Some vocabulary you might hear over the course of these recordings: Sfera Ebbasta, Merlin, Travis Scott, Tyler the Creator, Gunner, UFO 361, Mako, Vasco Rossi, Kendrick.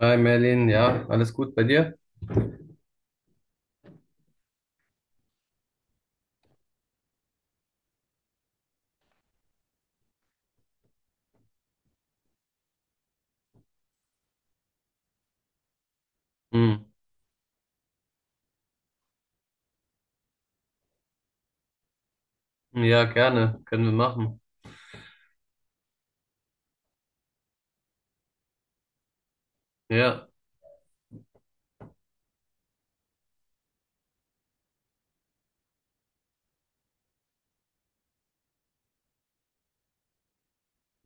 Hi Merlin, ja, alles gut bei dir? Hm. Ja, gerne, können wir machen. Ja.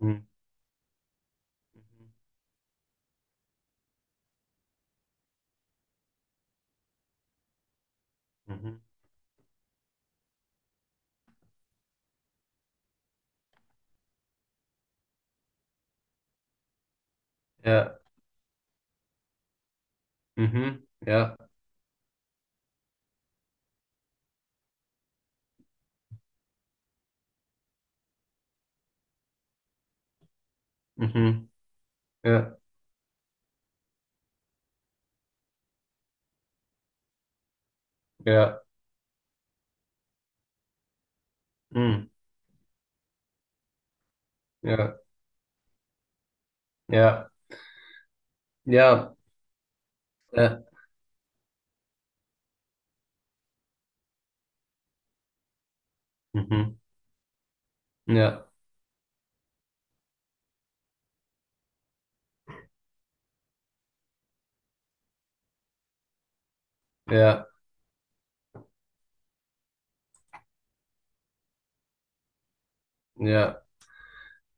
Hm. Mhm. Mhm. Ja. Mhm. Ja. Mhm. Ja. Ja. Hm. Ja. Ja. Ja. Ja. Mhm. Ja. Ja. Ja.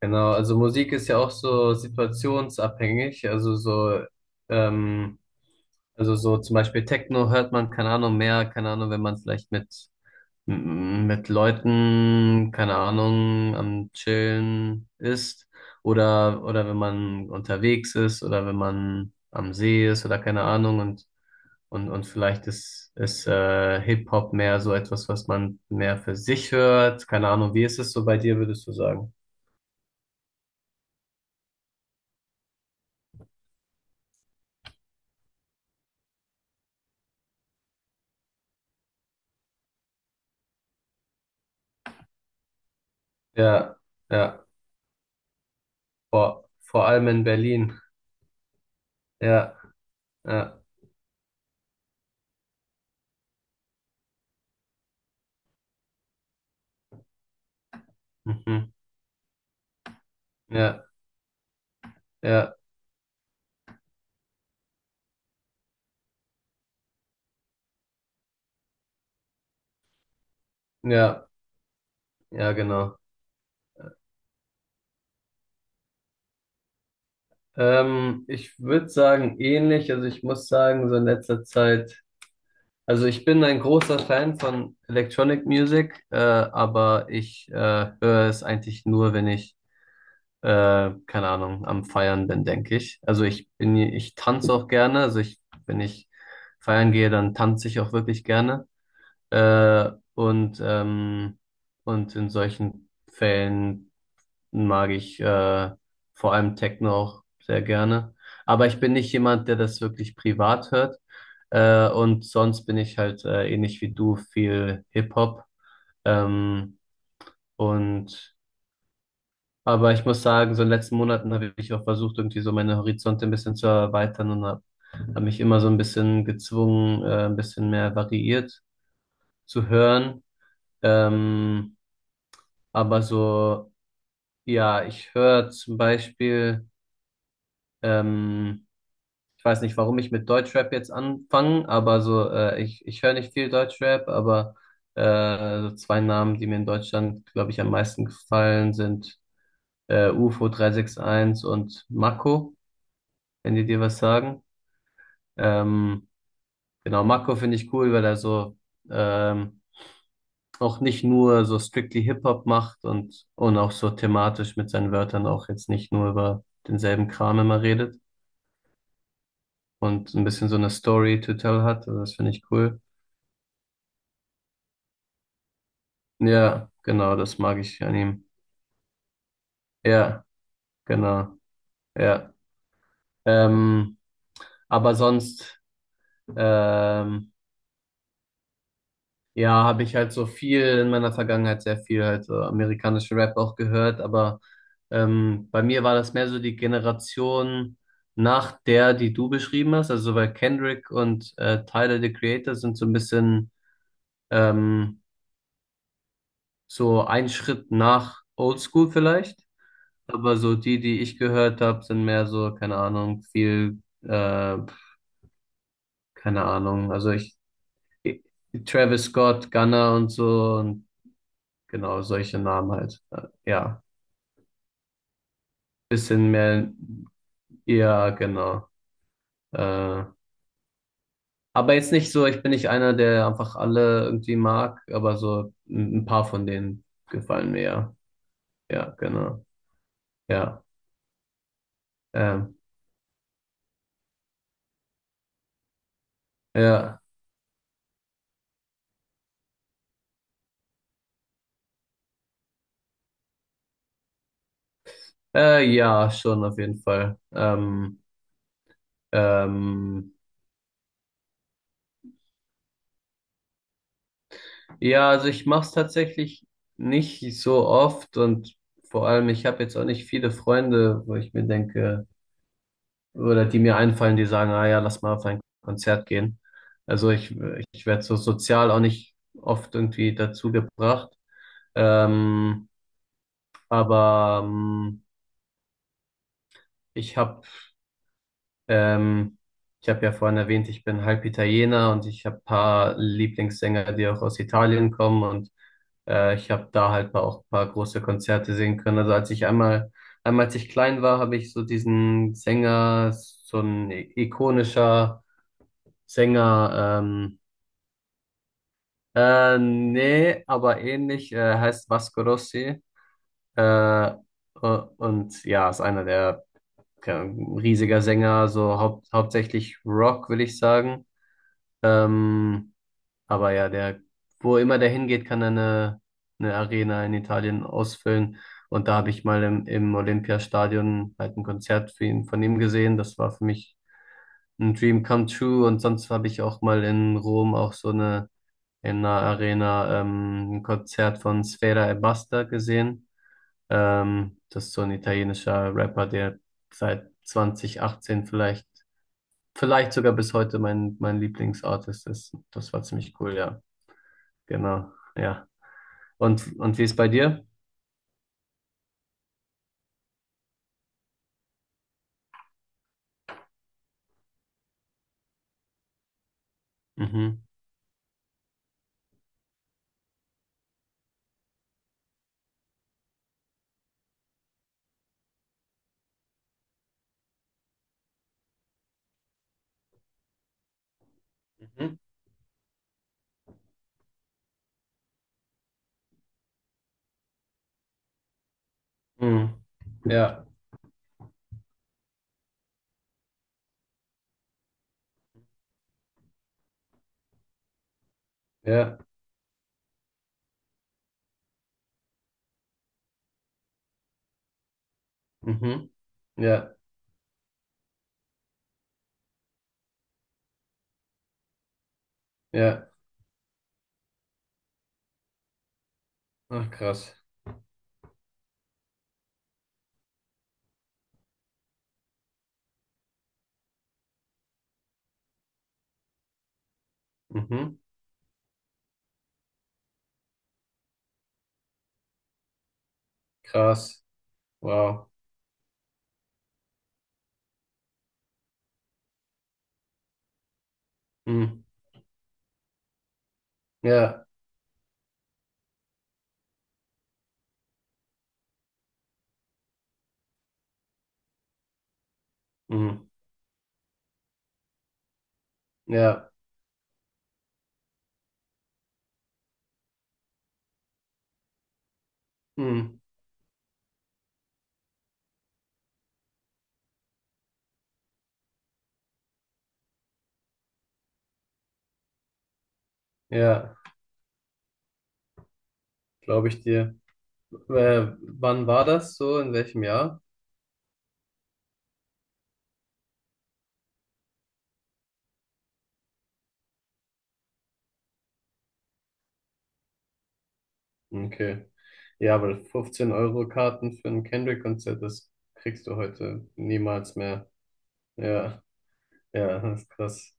Genau, also Musik ist ja auch so situationsabhängig, ähm, also so zum Beispiel Techno hört man, keine Ahnung, mehr, keine Ahnung, wenn man vielleicht mit, mit Leuten, keine Ahnung, am Chillen ist oder, wenn man unterwegs ist oder wenn man am See ist oder keine Ahnung und, vielleicht ist, ist Hip-Hop mehr so etwas, was man mehr für sich hört, keine Ahnung, wie ist es so bei dir, würdest du sagen? Ja, ja. Vor allem in Berlin. Ja, ja, mhm. Ja, ja, ja, ja, genau. Ich würde sagen, ähnlich. Also ich muss sagen, so in letzter Zeit, also ich bin ein großer Fan von Electronic Music, aber ich höre es eigentlich nur, wenn ich, keine Ahnung, am Feiern bin, denke ich. Also ich tanze auch gerne. Wenn ich feiern gehe, dann tanze ich auch wirklich gerne. Äh, und, ähm, und in solchen Fällen mag ich vor allem Techno auch sehr gerne. Aber ich bin nicht jemand, der das wirklich privat hört. Und sonst bin ich halt ähnlich wie du viel Hip-Hop. Ähm, und aber ich muss sagen, so in den letzten Monaten habe ich auch versucht, irgendwie so meine Horizonte ein bisschen zu erweitern und hab mich immer so ein bisschen gezwungen, ein bisschen mehr variiert zu hören. Ähm, Aber so, ja, ich höre zum Beispiel, ähm, ich weiß nicht, warum ich mit Deutschrap jetzt anfange, aber so, ich höre nicht viel Deutschrap, aber so zwei Namen, die mir in Deutschland, glaube ich, am meisten gefallen sind, UFO 361 und Mako, wenn die dir was sagen. Ähm, genau, Mako finde ich cool, weil er so, ähm, auch nicht nur so strictly Hip-Hop macht und, auch so thematisch mit seinen Wörtern auch jetzt nicht nur über denselben Kram immer redet und ein bisschen so eine Story to tell hat. Also das finde ich cool. Ja, genau, das mag ich an ihm. Ja, genau, ja. Ähm, aber sonst, ähm, Ja, habe ich halt so viel in meiner Vergangenheit sehr viel halt so amerikanischen Rap auch gehört, aber bei mir war das mehr so die Generation nach der, die du beschrieben hast, also weil Kendrick und Tyler the Creator sind so ein bisschen ähm, so ein Schritt nach Oldschool vielleicht, aber so die, die ich gehört habe, sind mehr so, keine Ahnung, viel, keine Ahnung, also ich Travis Scott, Gunner und so und genau solche Namen halt, ja. Bisschen mehr, ja, genau. Äh, aber jetzt nicht so, ich bin nicht einer, der einfach alle irgendwie mag, aber so ein paar von denen gefallen mir ja. Ja, genau. Ja, ähm, ja, ja, schon auf jeden Fall. Ähm, ja, also ich mach's tatsächlich nicht so oft und vor allem, ich habe jetzt auch nicht viele Freunde, wo ich mir denke, oder die mir einfallen, die sagen, ah ja, lass mal auf ein Konzert gehen. Also ich werde so sozial auch nicht oft irgendwie dazu gebracht. Ähm, aber ich habe ähm, ich habe ja vorhin erwähnt, ich bin halb Italiener und ich habe paar Lieblingssänger, die auch aus Italien kommen und ich habe da halt auch ein paar große Konzerte sehen können. Also einmal als ich klein war, habe ich so diesen Sänger, so ein ikonischer Sänger, nee, aber ähnlich, heißt Vasco Rossi. Äh, u- und ja, ist einer der keine Ahnung, riesiger Sänger, so hauptsächlich Rock, will ich sagen. Ähm, aber ja, der, wo immer der hingeht, kann er eine, Arena in Italien ausfüllen. Und da habe ich mal im Olympiastadion halt ein Konzert für ihn, von ihm gesehen. Das war für mich ein Dream come true. Und sonst habe ich auch mal in Rom auch so eine in der Arena ein Konzert von Sfera Ebbasta gesehen. Das ist so ein italienischer Rapper, der seit 2018 vielleicht sogar bis heute mein Lieblingsartist ist. Das war ziemlich cool, ja. Genau, ja. Und wie ist bei dir? Mhm. Mhm. Mhm. Ja, ja, mhm. Ja, ja. Ach, krass. Mhm. Krass. Wow. Mhm. Ja, mhm. Ja, mhm. Ja, glaube ich dir. Wann war das so? In welchem Jahr? Okay. Ja, weil 15 € Karten für ein Kendrick-Konzert, das kriegst du heute niemals mehr. Ja, ja, das ist krass.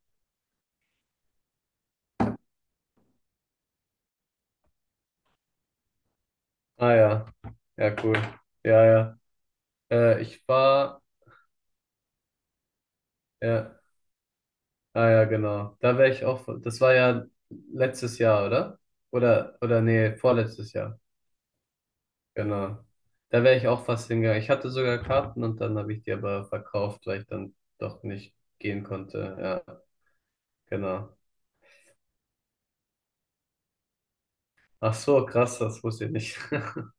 Ah ja, ja, cool. Ja, ja. Äh, ich war, ja, ah ja, genau. Da wäre ich auch, das war ja letztes Jahr, oder? Oder nee, vorletztes Jahr. Genau. Da wäre ich auch fast hingegangen. Ich hatte sogar Karten und dann habe ich die aber verkauft, weil ich dann doch nicht gehen konnte. Ja. Genau. Ach so, krass, das wusste ich nicht.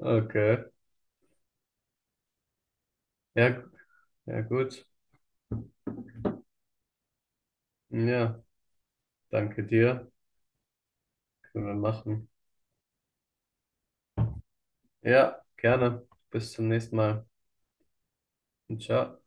Okay. Ja, ja, gut. Ja, danke dir. Können wir machen. Ja, gerne. Bis zum nächsten Mal. Ciao.